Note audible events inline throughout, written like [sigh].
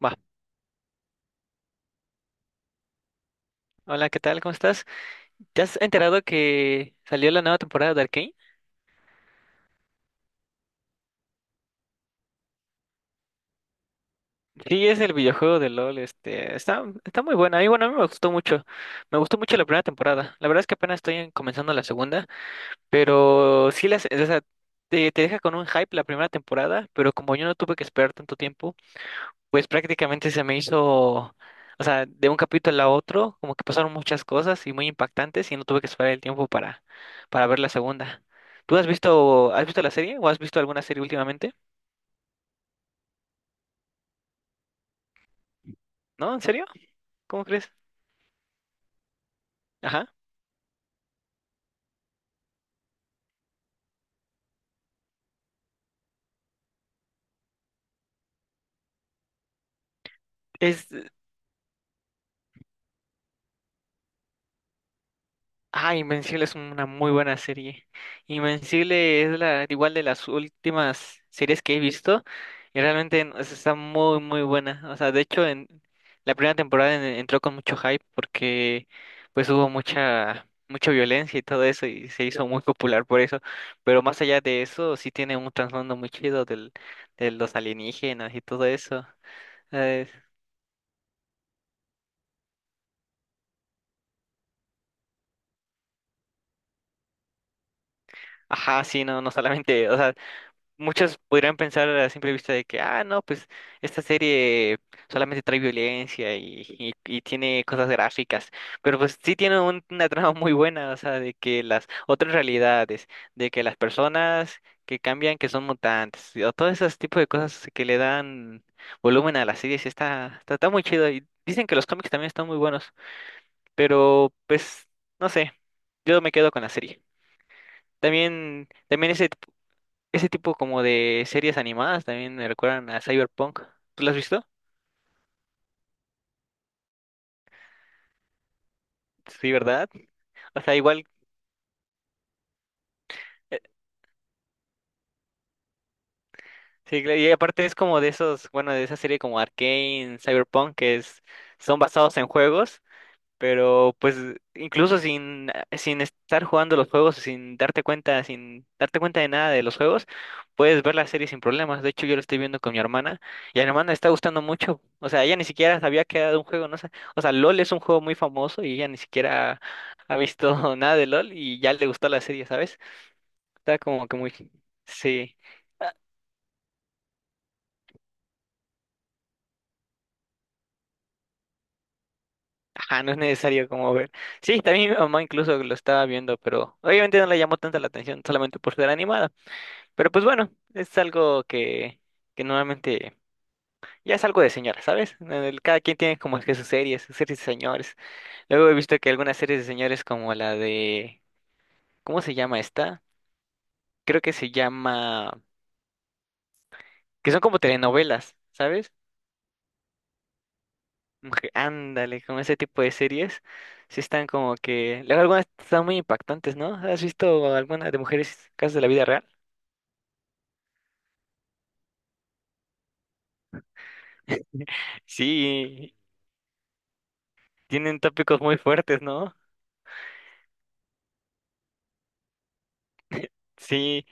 Va. Hola, ¿qué tal? ¿Cómo estás? ¿Te has enterado que salió la nueva temporada de Arcane? Sí, es el videojuego de LOL, está muy buena. Y bueno, a mí me gustó mucho. Me gustó mucho la primera temporada. La verdad es que comenzando la segunda, pero sí las, o sea, te deja con un hype la primera temporada, pero como yo no tuve que esperar tanto tiempo. Pues prácticamente se me hizo, o sea, de un capítulo a otro, como que pasaron muchas cosas y muy impactantes y no tuve que esperar el tiempo para ver la segunda. ¿Tú has visto la serie o has visto alguna serie últimamente? ¿No? ¿En serio? ¿Cómo crees? Ajá. es Ah, Invencible es una muy buena serie. Invencible es la igual de las últimas series que he visto y realmente, o sea, está muy muy buena. O sea, de hecho, en la primera temporada entró con mucho hype porque pues hubo mucha mucha violencia y todo eso y se hizo muy popular por eso. Pero más allá de eso sí tiene un trasfondo muy chido del de los alienígenas y todo eso. Eh, ajá, sí, no solamente, o sea. Muchos podrían pensar a simple vista de que, ah, no, pues esta serie solamente trae violencia y tiene cosas gráficas, pero pues sí tiene una trama muy buena, o sea, de que las otras realidades, de que las personas que cambian, que son mutantes, y o todos esos tipos de cosas que le dan volumen a las series, está muy chido. Y dicen que los cómics también están muy buenos, pero pues, no sé, yo me quedo con la serie. También, ese ese tipo como de series animadas también me recuerdan a Cyberpunk. ¿Tú lo has visto? Sí, ¿verdad? O sea, igual, eh, sí, claro, y aparte es como de esos, bueno, de esa serie como Arcane, Cyberpunk, que es, son basados en juegos. Pero pues incluso sin estar jugando los juegos, sin darte cuenta de nada de los juegos, puedes ver la serie sin problemas. De hecho, yo lo estoy viendo con mi hermana y a mi hermana le está gustando mucho. O sea, ella ni siquiera sabía que era de un juego, no sé. O sea, LOL es un juego muy famoso y ella ni siquiera ha visto [laughs] nada de LOL y ya le gustó la serie, ¿sabes? Está como que muy... Sí. Ajá, no es necesario como ver. Sí, también mi mamá incluso lo estaba viendo, pero obviamente no le llamó tanta la atención solamente por ser animada. Pero pues bueno, es algo que normalmente ya es algo de señora, ¿sabes? Cada quien tiene como que sus series de señores. Luego he visto que algunas series de señores como la de, ¿cómo se llama esta? Creo que se llama, que son como telenovelas, ¿sabes? Como que Ándale, con ese tipo de series, sí están como que, luego algunas están muy impactantes, ¿no? ¿Has visto alguna de mujeres casos de la vida real? Sí, tienen tópicos muy fuertes, ¿no? Sí.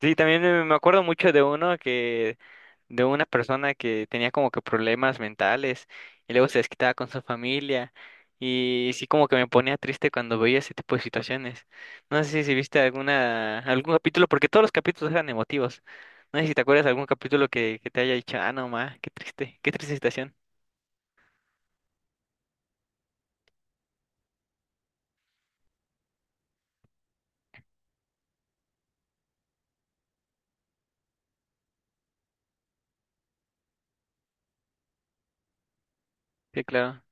Sí, también, me acuerdo mucho de uno que, de una persona que tenía como que problemas mentales y luego se desquitaba con su familia y sí como que me ponía triste cuando veía ese tipo de situaciones. No sé si viste alguna, algún capítulo, porque todos los capítulos eran emotivos. No sé si te acuerdas de algún capítulo que te haya dicho, ah, no, ma, qué triste situación. Sí, claro.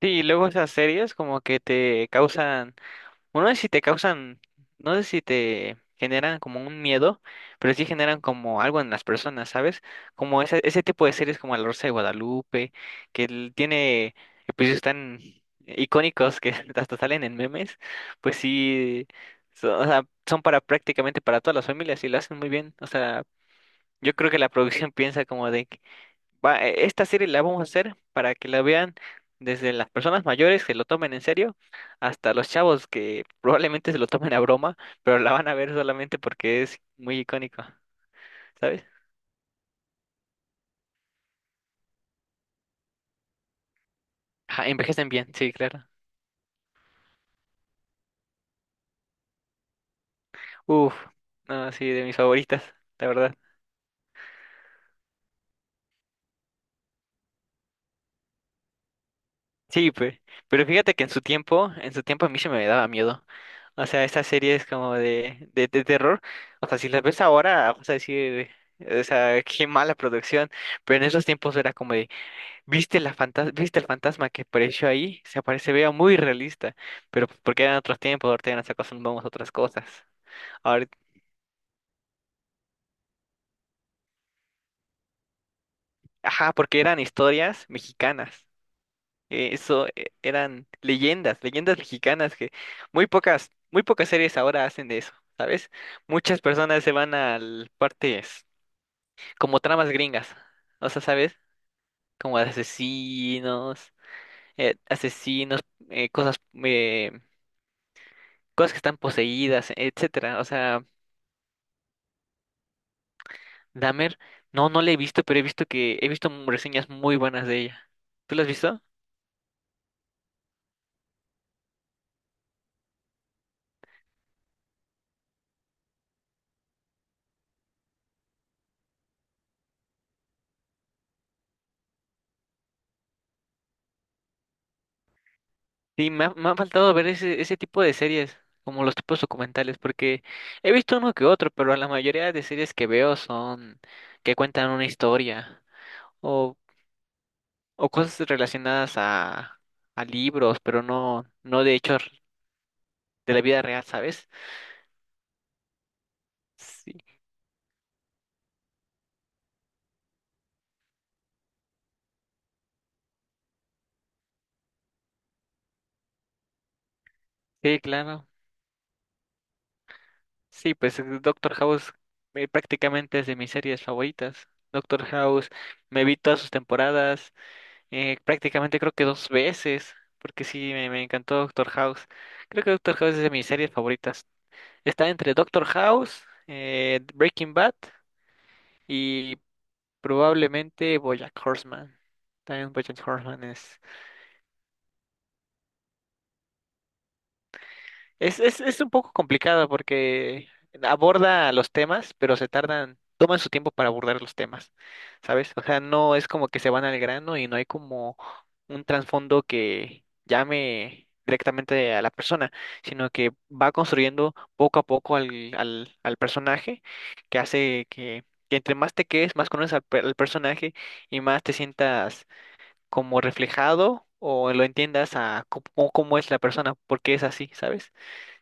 Sí, y luego esas series como que te causan. Bueno, no sé si te causan, no sé si te generan como un miedo, pero sí generan como algo en las personas, ¿sabes? Como ese tipo de series como La Rosa de Guadalupe, que tiene episodios tan icónicos que [laughs] hasta salen en memes, pues sí, son, o sea, son para prácticamente para todas las familias y lo hacen muy bien. O sea, yo creo que la producción piensa como de esta serie la vamos a hacer para que la vean desde las personas mayores que lo tomen en serio hasta los chavos que [laughs] probablemente se lo tomen a broma, pero la van a ver solamente porque es muy icónico, ¿sabes? Ajá, envejecen bien, sí, claro. Uf, no, sí, de mis favoritas, la verdad. Sí, pero fíjate que en su tiempo a mí se me daba miedo. O sea, esta serie es como de, de terror. O sea, si las ves ahora, vas a decir, o sea, qué mala producción. Pero en esos tiempos era como de, ¿Viste la ¿Viste el fantasma que apareció ahí? Se aparece, vea muy realista, pero pues porque eran otros tiempos, ahorita ya nos acostumbramos a otras cosas. Ahora, ajá, porque eran historias mexicanas. Eso, eran leyendas, leyendas mexicanas que muy pocas series ahora hacen de eso, ¿sabes? Muchas personas se van a partes como tramas gringas, o sea, ¿sabes? Como de asesinos, asesinos, eh, cosas, eh, cosas que están poseídas, etcétera. O sea, Dahmer, no, no la he visto, pero he visto que reseñas muy buenas de ella. ¿Tú las has visto? Sí, me ha faltado ver ese tipo de series, como los tipos documentales, porque he visto uno que otro, pero la mayoría de series que veo son que cuentan una historia o, o cosas relacionadas a libros, pero no, no de hechos de la vida real, ¿sabes? Sí, sí, claro. Sí, pues Doctor House prácticamente es de mis series favoritas. Doctor House, me vi todas sus temporadas, prácticamente creo que dos veces, porque sí, me encantó Doctor House. Creo que Doctor House es de mis series favoritas. Está entre Doctor House, Breaking Bad y probablemente BoJack Horseman. También BoJack Horseman es, es un poco complicado porque aborda los temas, pero se tardan, toman su tiempo para abordar los temas, ¿sabes? O sea, no es como que se van al grano y no hay como un trasfondo que llame directamente a la persona, sino que va construyendo poco a poco al personaje, que hace que entre más te quedes, más conoces al personaje y más te sientas como reflejado o lo entiendas a cómo, cómo es la persona, por qué es así, ¿sabes?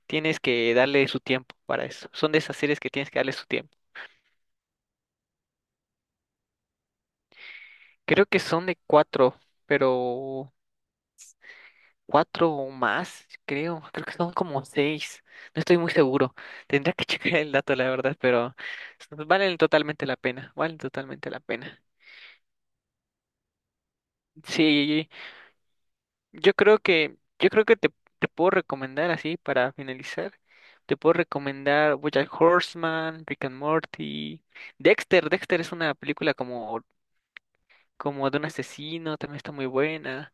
Tienes que darle su tiempo para eso. Son de esas series que tienes que darle su tiempo. Creo que son de cuatro, pero cuatro o más, creo. Creo que son como seis. No estoy muy seguro. Tendría que [laughs] checar el dato, la verdad, pero valen totalmente la pena. Valen totalmente la pena. Sí, yo creo que te puedo recomendar así para finalizar. Te puedo recomendar BoJack Horseman, Rick and Morty. Dexter, Dexter es una película como como de un asesino, también está muy buena.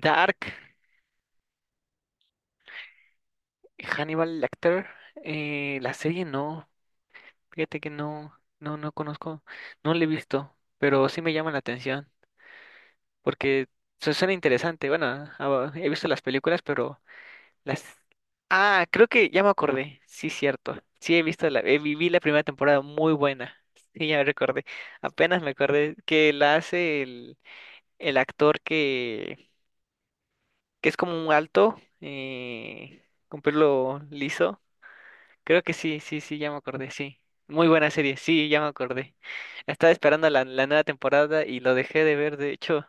Dark, Hannibal Lecter, la serie no, fíjate que no, no conozco, no la he visto, pero sí me llama la atención, porque suena interesante, bueno, ah, he visto las películas, pero las... Ah, creo que ya me acordé, sí, cierto, sí he visto la, vi la primera temporada muy buena, sí, ya me recordé, apenas me acordé que la hace el actor que es como un alto, con pelo liso. Creo que sí, sí, sí, ya me acordé, sí. Muy buena serie, sí, ya me acordé. Estaba esperando la nueva temporada y lo dejé de ver, de hecho,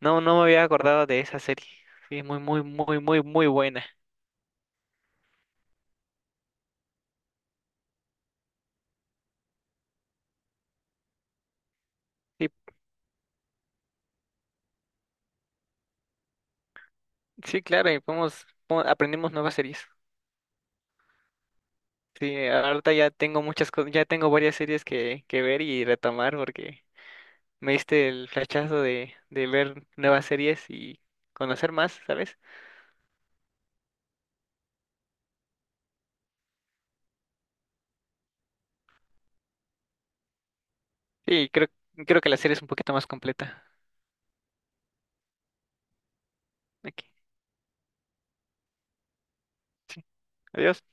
no, no me había acordado de esa serie. Sí, muy, muy, muy, muy, muy buena. Sí, sí, claro, y podemos, aprendemos nuevas series. Sí, ahorita ya tengo muchas cosas, ya tengo varias series que ver y retomar porque me diste el flechazo de ver nuevas series y conocer más, ¿sabes? Sí, creo, creo que la serie es un poquito más completa. Aquí. Sí. Adiós.